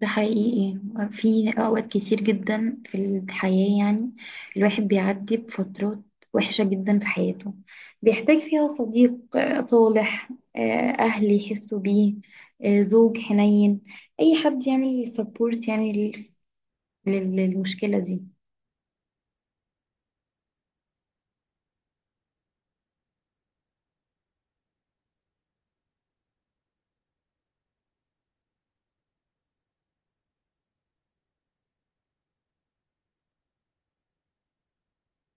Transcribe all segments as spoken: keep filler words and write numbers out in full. ده حقيقي. في أوقات كتير جدا في الحياة، يعني الواحد بيعدي بفترات وحشة جدا في حياته، بيحتاج فيها صديق آه، صالح، آه، أهل يحسوا بيه، آه، زوج حنين، أي حد يعمل سبورت يعني لل- لل- للمشكلة دي.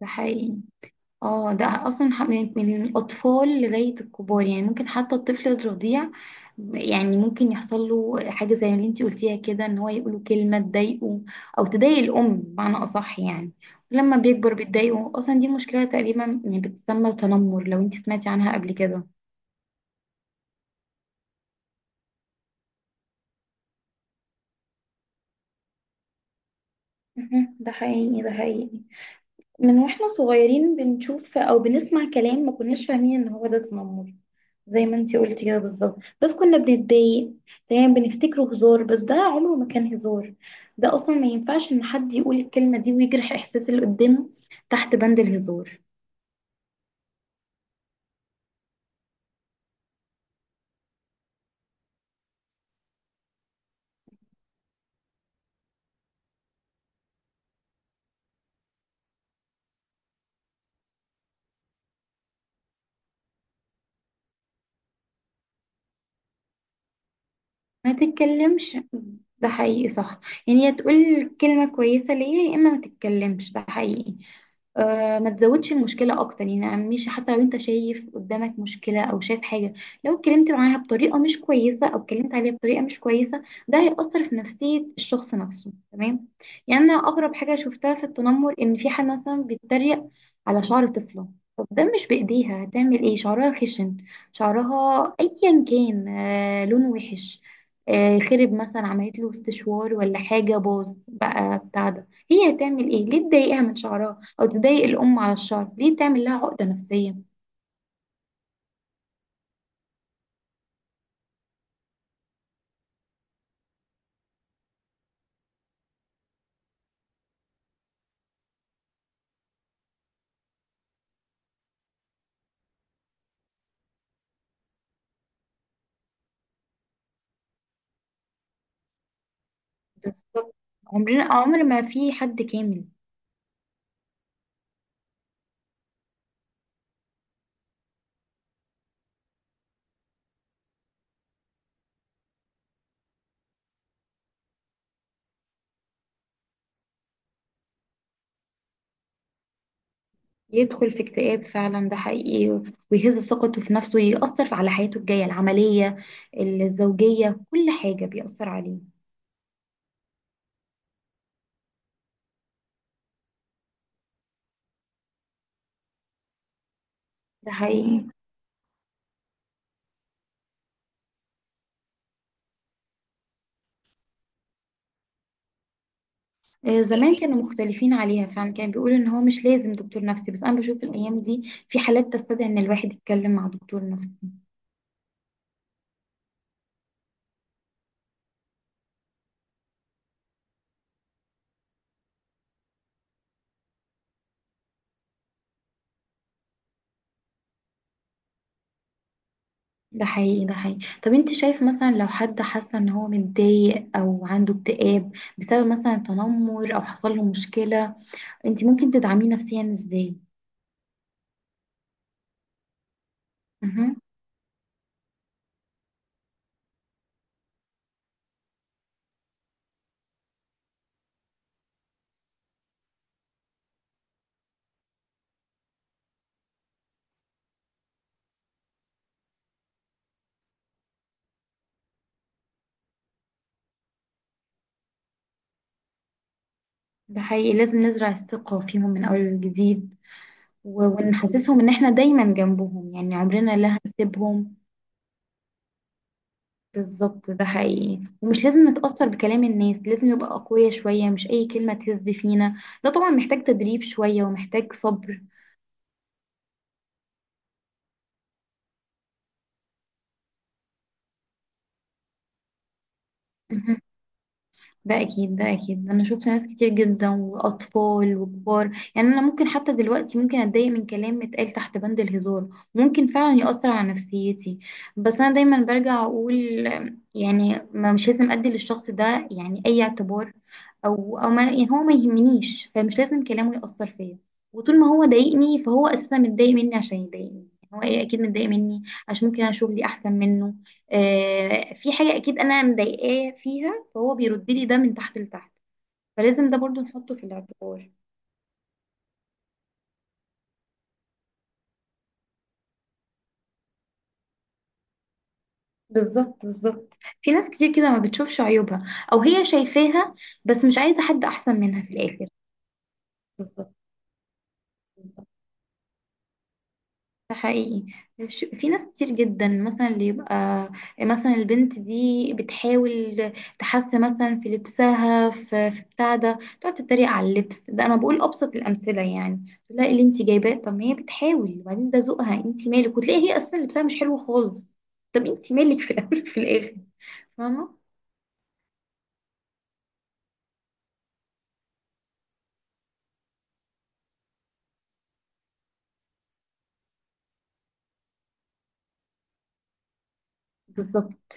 ده حقيقي. اه ده اصلا ح- من من الاطفال لغايه الكبار، يعني ممكن حتى الطفل الرضيع يعني ممكن يحصل له حاجه زي اللي انتي قلتيها كده ان هو يقوله كلمه تضايقه او تضايق الام بمعنى اصح. يعني لما بيكبر بتضايقه، اصلا دي مشكله تقريبا يعني بتسمى تنمر، لو انتي سمعتي عنها قبل كده. مهم. ده حقيقي. ده حقيقي. من واحنا صغيرين بنشوف او بنسمع كلام ما كناش فاهمين ان هو ده تنمر، زي ما انتي قلتي كده بالظبط، بس كنا بنتضايق. دايما بنفتكره هزار، بس ده عمره ما كان هزار. ده اصلا ما ينفعش ان حد يقول الكلمة دي ويجرح احساس اللي قدامه تحت بند الهزار. ما تتكلمش. ده حقيقي، صح. يعني يا تقول كلمة كويسة ليا يا اما ما تتكلمش. ده حقيقي. آه، ما تزودش المشكلة أكتر، يعني مش حتى لو أنت شايف قدامك مشكلة أو شايف حاجة، لو اتكلمت معاها بطريقة مش كويسة أو اتكلمت عليها بطريقة مش كويسة، ده هيأثر في نفسية الشخص نفسه. تمام. يعني أنا أغرب حاجة شفتها في التنمر، إن في حد مثلا بيتريق على شعر طفلة. طب ده مش بإيديها، هتعمل إيه؟ شعرها خشن، شعرها أيا كان، آه، لون وحش، آه، خرب، مثلا عملت له استشوار ولا حاجة باظ بقى بتاع ده، هي هتعمل ايه؟ ليه تضايقها من شعرها أو تضايق الأم على الشعر؟ ليه تعمل لها عقدة نفسية؟ بالظبط. عمرنا، عمر ما في حد كامل. يدخل في اكتئاب فعلا، ده حقيقي. ويهز ثقته في نفسه، يأثر على حياته الجاية، العملية، الزوجية، كل حاجة بيأثر عليه. ده حقيقي. آه، زمان كانوا مختلفين عليها، فعلا كان بيقولوا ان هو مش لازم دكتور نفسي، بس انا بشوف الايام دي في حالات تستدعي ان الواحد يتكلم مع دكتور نفسي. ده حقيقي. ده حقيقي. طب انت شايف مثلا لو حد حاسه ان هو متضايق او عنده اكتئاب بسبب مثلا تنمر او حصل له مشكله، انت ممكن تدعميه نفسيا ازاي؟ مهم. ده حقيقي، لازم نزرع الثقه فيهم من اول وجديد، و- ونحسسهم ان احنا دايما جنبهم، يعني عمرنا لا هنسيبهم. بالظبط. ده حقيقي، ومش لازم نتأثر بكلام الناس، لازم نبقى أقوياء شوية، مش أي كلمة تهز فينا. ده طبعا محتاج تدريب شوية، ومحتاج صبر. ده اكيد. ده اكيد. انا شفت ناس كتير جدا، واطفال وكبار. يعني انا ممكن حتى دلوقتي ممكن اتضايق من كلام اتقال تحت بند الهزار، ممكن فعلا يأثر على نفسيتي. بس انا دايما برجع اقول، يعني ما مش لازم ادي للشخص ده يعني اي اعتبار، او او ما يعني هو ما يهمنيش، فمش لازم كلامه يأثر فيا. وطول ما هو ضايقني فهو اساسا متضايق مني عشان يضايقني، يعني هو اكيد متضايق مني عشان ممكن انا شغلي احسن منه. آه في حاجة اكيد انا مضايقاه فيها، فهو بيرد لي ده من تحت لتحت. فلازم ده برضو نحطه في الاعتبار. بالظبط، بالظبط، في ناس كتير كده ما بتشوفش عيوبها، او هي شايفاها بس مش عايزة حد احسن منها في الاخر. بالظبط. بالظبط. ده حقيقي. ش- في ناس كتير جدا، مثلا اللي يبقى مثلا البنت دي بتحاول تحسن مثلا في لبسها، في في بتاع ده تقعد تتريق على اللبس ده. انا بقول ابسط الامثله، يعني لا اللي انت جايباه؟ طب ما هي بتحاول، وبعدين ده ذوقها، انت مالك؟ وتلاقي هي اصلا لبسها مش حلو خالص. طب انت مالك في الاول في الاخر؟ فاهمه؟ بالظبط.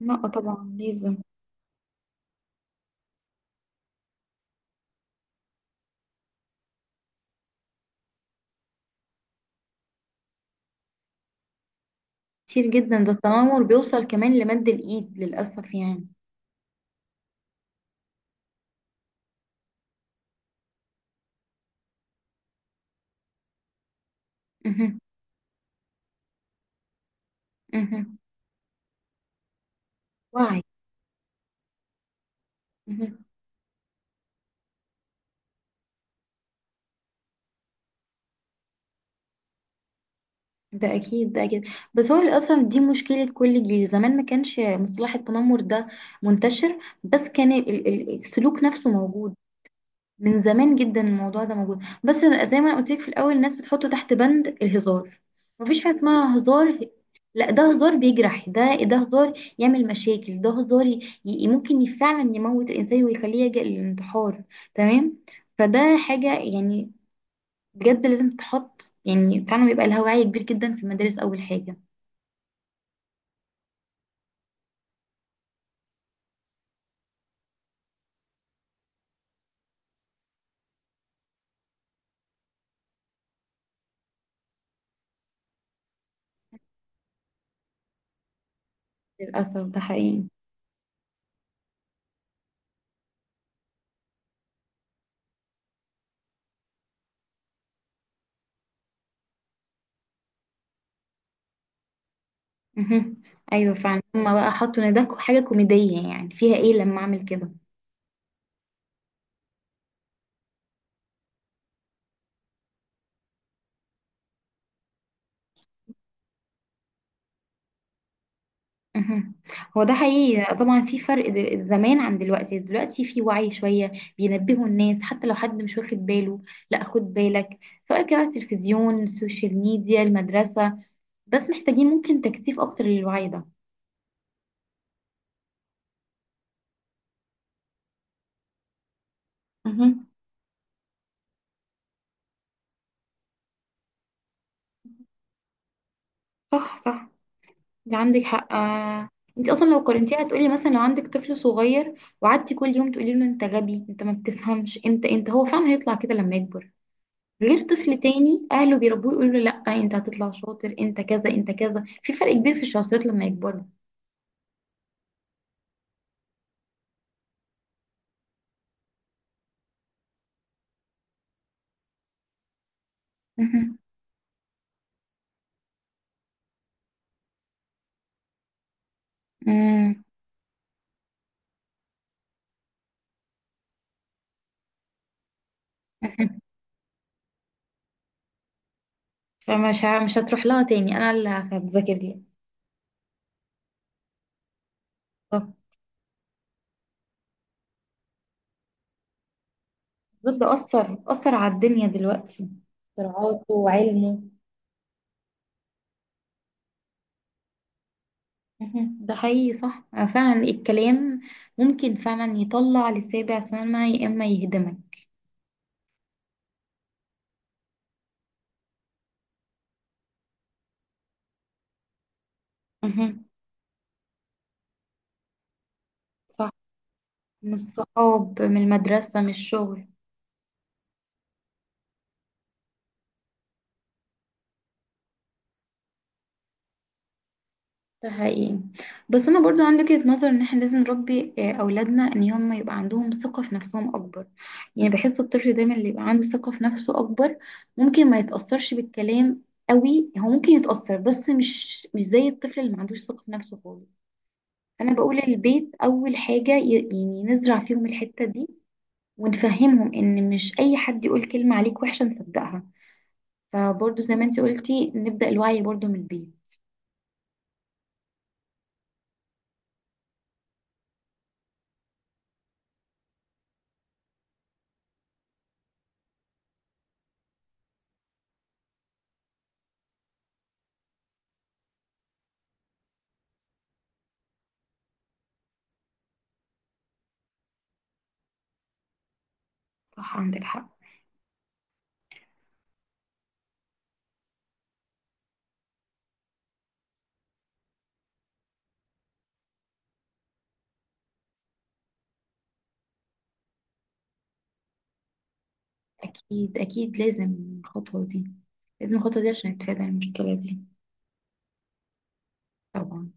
لا طبعا لازم. كتير جدا، ده التنمر بيوصل كمان لمد الايد للاسف، يعني. مهم. مهم. وعي. مهم. ده اكيد. ده اكيد. بس هو اللي اصلا دي مشكله كل جيل، زمان ما كانش مصطلح التنمر ده منتشر، بس كان ال- ال- السلوك نفسه موجود. من زمان جدا الموضوع ده موجود، بس زي ما انا قلت لك في الاول الناس بتحطه تحت بند الهزار. مفيش حاجه اسمها هزار، لا ده هزار بيجرح، ده ده هزار يعمل مشاكل، ده هزار ي... ي- ممكن فعلا يموت الانسان ويخليه يلجأ للانتحار. تمام. فده حاجه، يعني، بجد لازم تتحط، يعني فعلا بيبقى لها وعي كبير جدا في المدارس اول حاجه. للأسف ده حقيقي. مهم. أيوة فعلا، هما بقى حطوا إن ده حاجة كوميدية، يعني فيها إيه لما أعمل كده؟ مهم. هو ده حقيقي طبعا، في فرق د- زمان عن دلوقتي، دلوقتي في وعي شوية، بينبهوا الناس حتى لو حد مش واخد باله، لا خد بالك. سواء كان على التلفزيون، السوشيال ميديا، المدرسة. بس محتاجين ممكن تكثيف أكتر للوعي ده. مهم. صح. صح. ده عندك حق. آه. انت اصلا لو قارنتيها هتقولي مثلا، لو عندك طفل صغير وقعدتي كل يوم تقولي له انت غبي، انت ما بتفهمش انت انت هو فعلا هيطلع كده لما يكبر. غير طفل تاني اهله بيربوه يقولوا له لا انت هتطلع شاطر، انت كذا انت كذا. في فرق كبير في الشخصيات لما يكبروا. مهم. مم. مهم. فمش ه- مش هتروح لها تاني، انا اللي هذاكر لها. طب ده اثر اثر على الدنيا دلوقتي، اختراعاته وعلمه. مهم. ده حقيقي، صح. آه، فعلا الكلام ممكن فعلا يطلع للسابع سما يا اما يهدمك. مهم. صح. من الصحاب، من المدرسة، من الشغل. ده حقيقي. بس انا برضو عندي وجهة نظر، ان احنا لازم نربي آه، اولادنا ان هم يبقى عندهم ثقة في نفسهم اكبر. يعني بحس الطفل دايما اللي يبقى عنده ثقة في نفسه اكبر ممكن ما يتأثرش بالكلام قوي، هو ممكن يتأثر بس مش مش زي الطفل اللي ما عندوش ثقة في نفسه خالص. انا بقول البيت اول حاجة ي- يعني نزرع فيهم الحتة دي، ونفهمهم ان مش اي حد يقول كلمة عليك وحشة نصدقها. فبرضو زي ما انت قلتي، نبدأ الوعي برضو من البيت. صح، عندك حق. اكيد. اكيد. لازم الخطوة دي. لازم الخطوة دي عشان نتفادى المشكلة دي. طبعا.